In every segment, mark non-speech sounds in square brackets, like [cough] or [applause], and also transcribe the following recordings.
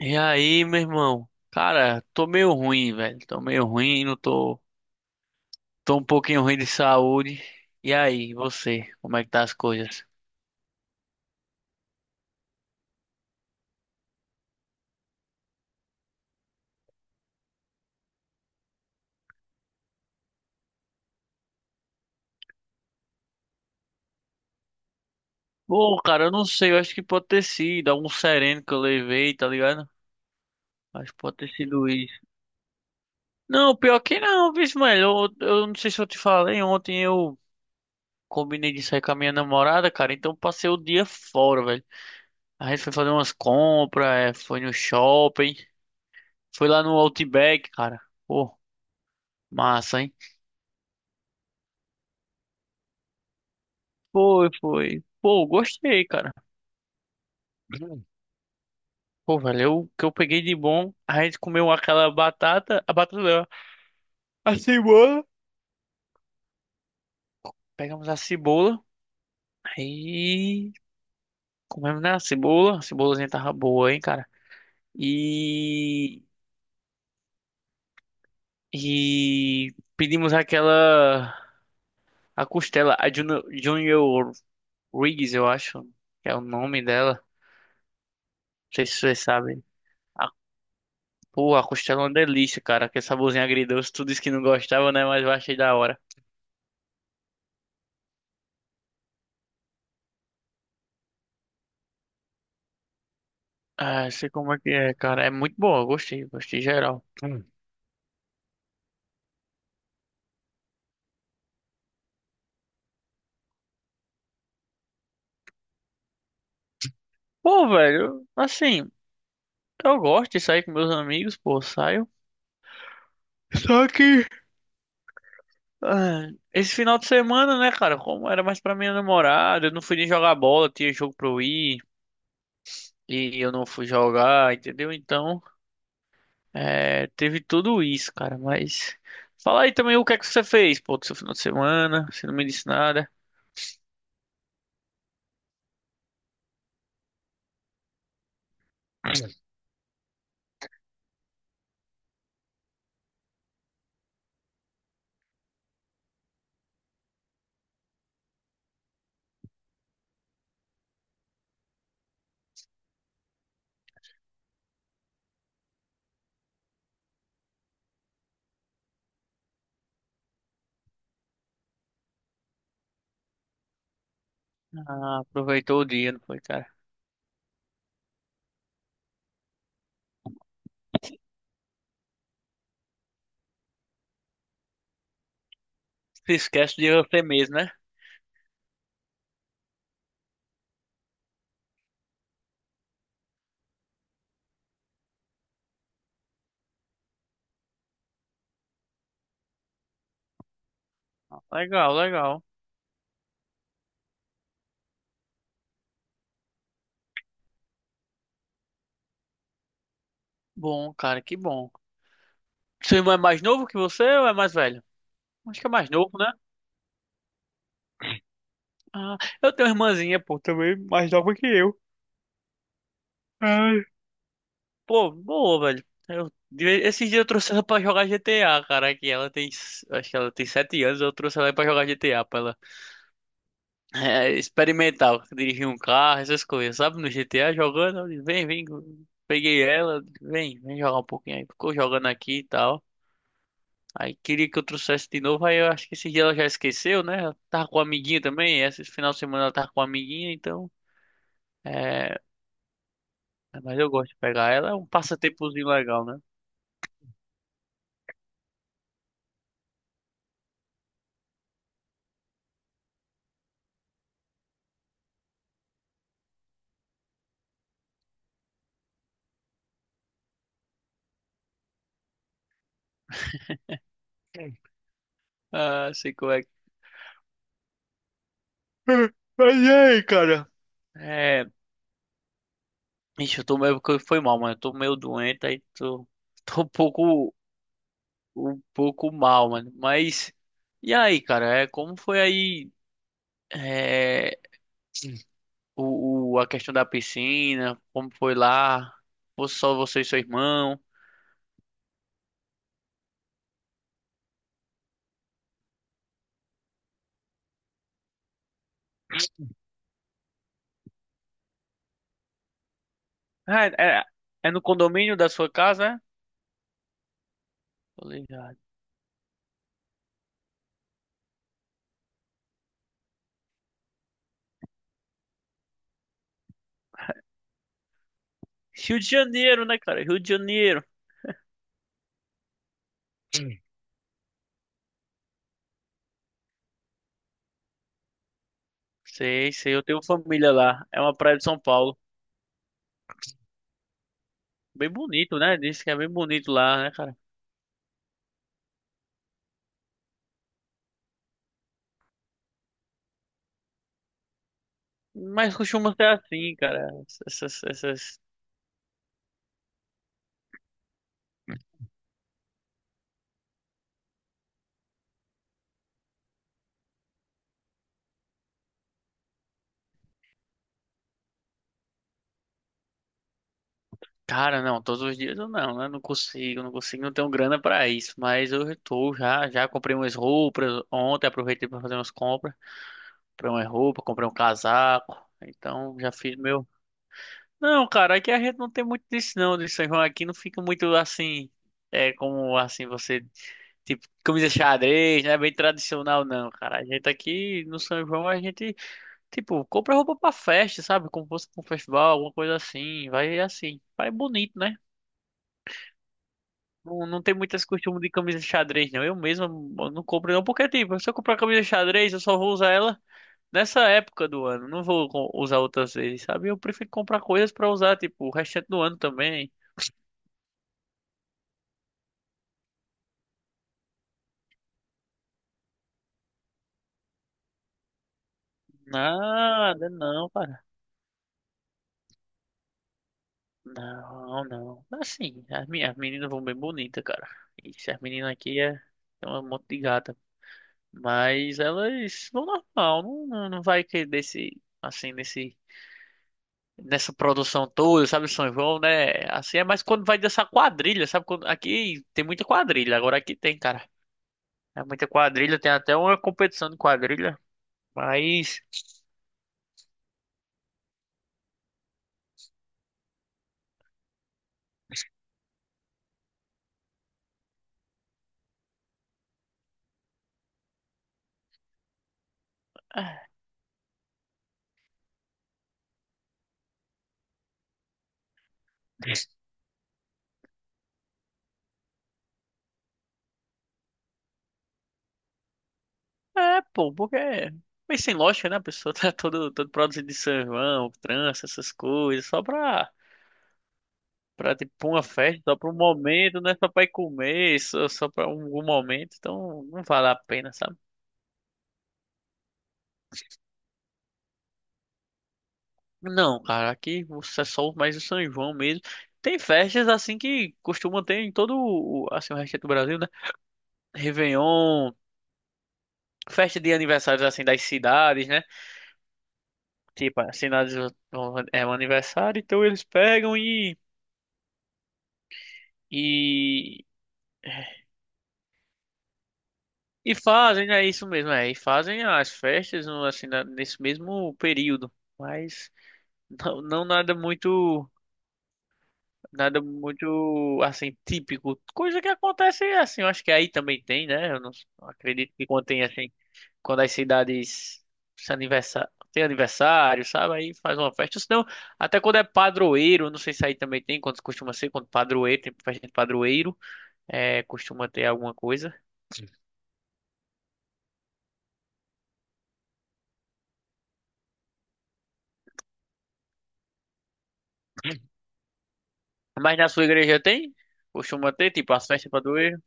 E aí, meu irmão? Cara, tô meio ruim, velho. Tô meio ruim, não tô. Tô um pouquinho ruim de saúde. E aí, você? Como é que tá as coisas? Pô, cara, eu não sei. Eu acho que pode ter sido algum sereno que eu levei, tá ligado? Acho que pode ter sido isso. Não, pior que não, viu, velho? Eu não sei se eu te falei. Ontem eu combinei de sair com a minha namorada, cara. Então passei o dia fora, velho. A gente foi fazer umas compras, é, foi no shopping. Foi lá no Outback, cara. Pô, massa, hein? Foi, foi. Pô, gostei, cara. Hum. Pô, valeu. O que eu peguei de bom, a gente comeu aquela batata, a batata, não, a cebola. Pegamos a cebola, aí comemos, né, a cebola. A cebolazinha tava boa, hein, cara. E, e pedimos aquela, a costela, a Junior Riggs, eu acho, que é o nome dela. Não sei se vocês sabem. A, pô, a costela é uma delícia, cara. Que saborzinho agridoce, tu disse que não gostava, né, mas eu achei da hora. Ah, sei como é que é, cara. É muito boa, gostei, gostei geral. Hum. Pô, velho, assim, eu gosto de sair com meus amigos, pô, saio. Só que, ah, esse final de semana, né, cara, como era mais pra minha namorada, eu não fui nem jogar bola, tinha jogo pra eu ir, e eu não fui jogar, entendeu? Então, é, teve tudo isso, cara, mas. Fala aí também o que é que você fez, pô, do seu final de semana, você não me disse nada. Ah, aproveitou o dia, não foi, cara? Se esquece de você mesmo, né? Legal, legal. Bom, cara, que bom. Seu irmão é mais novo que você ou é mais velho? Acho que é mais novo, né? Ah, eu tenho uma irmãzinha, pô, também mais nova que eu. Ai. Pô, boa, velho. Esses dias eu trouxe ela pra jogar GTA, cara, que ela tem, acho que ela tem 7 anos, eu trouxe ela pra jogar GTA, pra ela experimentar, dirigir um carro, essas coisas, sabe? No GTA jogando, eu disse, vem, vem, peguei ela, vem, vem jogar um pouquinho aí, ficou jogando aqui e tal. Aí queria que eu trouxesse de novo, aí eu acho que esse dia ela já esqueceu, né? Ela tava com a amiguinha também, esse final de semana ela tava com a amiguinha, então. É, mas eu gosto de pegar ela, é um passatempozinho legal, né? Sim. Ah, sei como é que. [laughs] Mas e aí, cara? É. Ixi, eu tô meio, que foi mal, mano. Eu tô meio doente, aí tô. [laughs] Tô um pouco. Um pouco mal, mano. Mas. E aí, cara? É, como foi aí. É. A questão da piscina, como foi lá, ou só você e seu irmão. Ah, é, é no condomínio da sua casa, é? Tô ligado. Rio de Janeiro, né, cara? Rio de Janeiro. Sei, sei, eu tenho família lá. É uma praia de São Paulo. Bem bonito, né? Diz que é bem bonito lá, né, cara? Mas costuma ser assim, cara. Essas, essas... Cara, não, todos os dias eu não, né? Não consigo, não consigo, não tenho grana pra isso. Mas eu tô já, já comprei umas roupas ontem, aproveitei pra fazer umas compras. Comprei uma roupa, comprei um casaco. Então já fiz meu. Não, cara, aqui a gente não tem muito disso não, de São João aqui não fica muito assim, é como assim você, tipo, camisa xadrez, não é bem tradicional não, cara. A gente aqui no São João a gente, tipo, compra roupa pra festa, sabe? Como se fosse pra um festival, alguma coisa assim, vai bonito, né? Não, não tem muito esse costume de camisa de xadrez, não. Eu mesmo eu não compro não, porque tipo, se eu comprar camisa de xadrez, eu só vou usar ela nessa época do ano, não vou usar outras vezes, sabe? Eu prefiro comprar coisas pra usar, tipo, o restante do ano também. Nada, não, cara. Não, não. Assim, as minhas meninas vão bem bonitas, cara. Isso, as meninas aqui é um monte de gata. Mas elas vão normal, não, não, não vai que desse, assim, nessa produção toda, sabe, São João, né? Assim é mais quando vai dessa quadrilha, sabe? Quando, aqui tem muita quadrilha, agora aqui tem, cara. É muita quadrilha, tem até uma competição de quadrilha. Mas. É, pô, porque é meio sem lógica, né? A pessoa tá [laughs] todo, todo produzido de São João, trança, essas coisas, só pra tipo, pra uma festa, só, pra um momento, não é só pra ir comer, só pra um momento, então não vale a pena, sabe? Não, cara, aqui você é só mais o São João mesmo. Tem festas assim que costumam ter em todo o, assim, o resto do Brasil, né? Réveillon, festa de aniversários assim das cidades, né? Tipo, as cidades é um aniversário, então eles pegam e. E, e fazem, é isso mesmo, é. E fazem as festas assim, nesse mesmo período. Mas não, não nada muito. Nada muito assim, típico. Coisa que acontece assim, eu acho que aí também tem, né? Eu não acredito que quando tem assim, quando as cidades se aniversa- tem aniversário, sabe? Aí faz uma festa. Ou senão, até quando é padroeiro, não sei se aí também tem, quando costuma ser, quando padroeiro, tem festa de padroeiro, é, costuma ter alguma coisa. Mas na sua igreja tem? Costuma ter, tipo, as festas de padroeiro?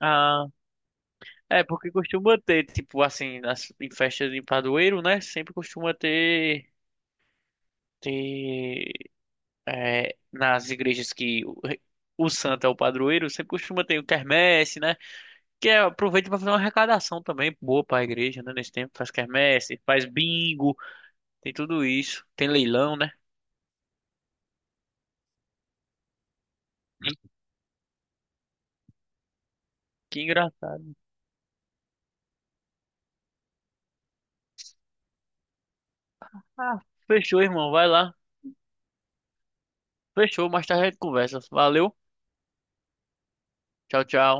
Ah, é, porque costuma ter, tipo, assim, em festas de padroeiro, né? Sempre costuma ter, é, nas igrejas que o santo é o padroeiro, sempre costuma ter o quermesse, né? Que é, aproveita pra fazer uma arrecadação também boa pra igreja, né? Nesse tempo faz quermesse, faz bingo, tem tudo isso. Tem leilão, né? Hum. Que engraçado. Ah, fechou, irmão, vai lá. Fechou, mais tarde a gente conversa. Valeu, tchau, tchau.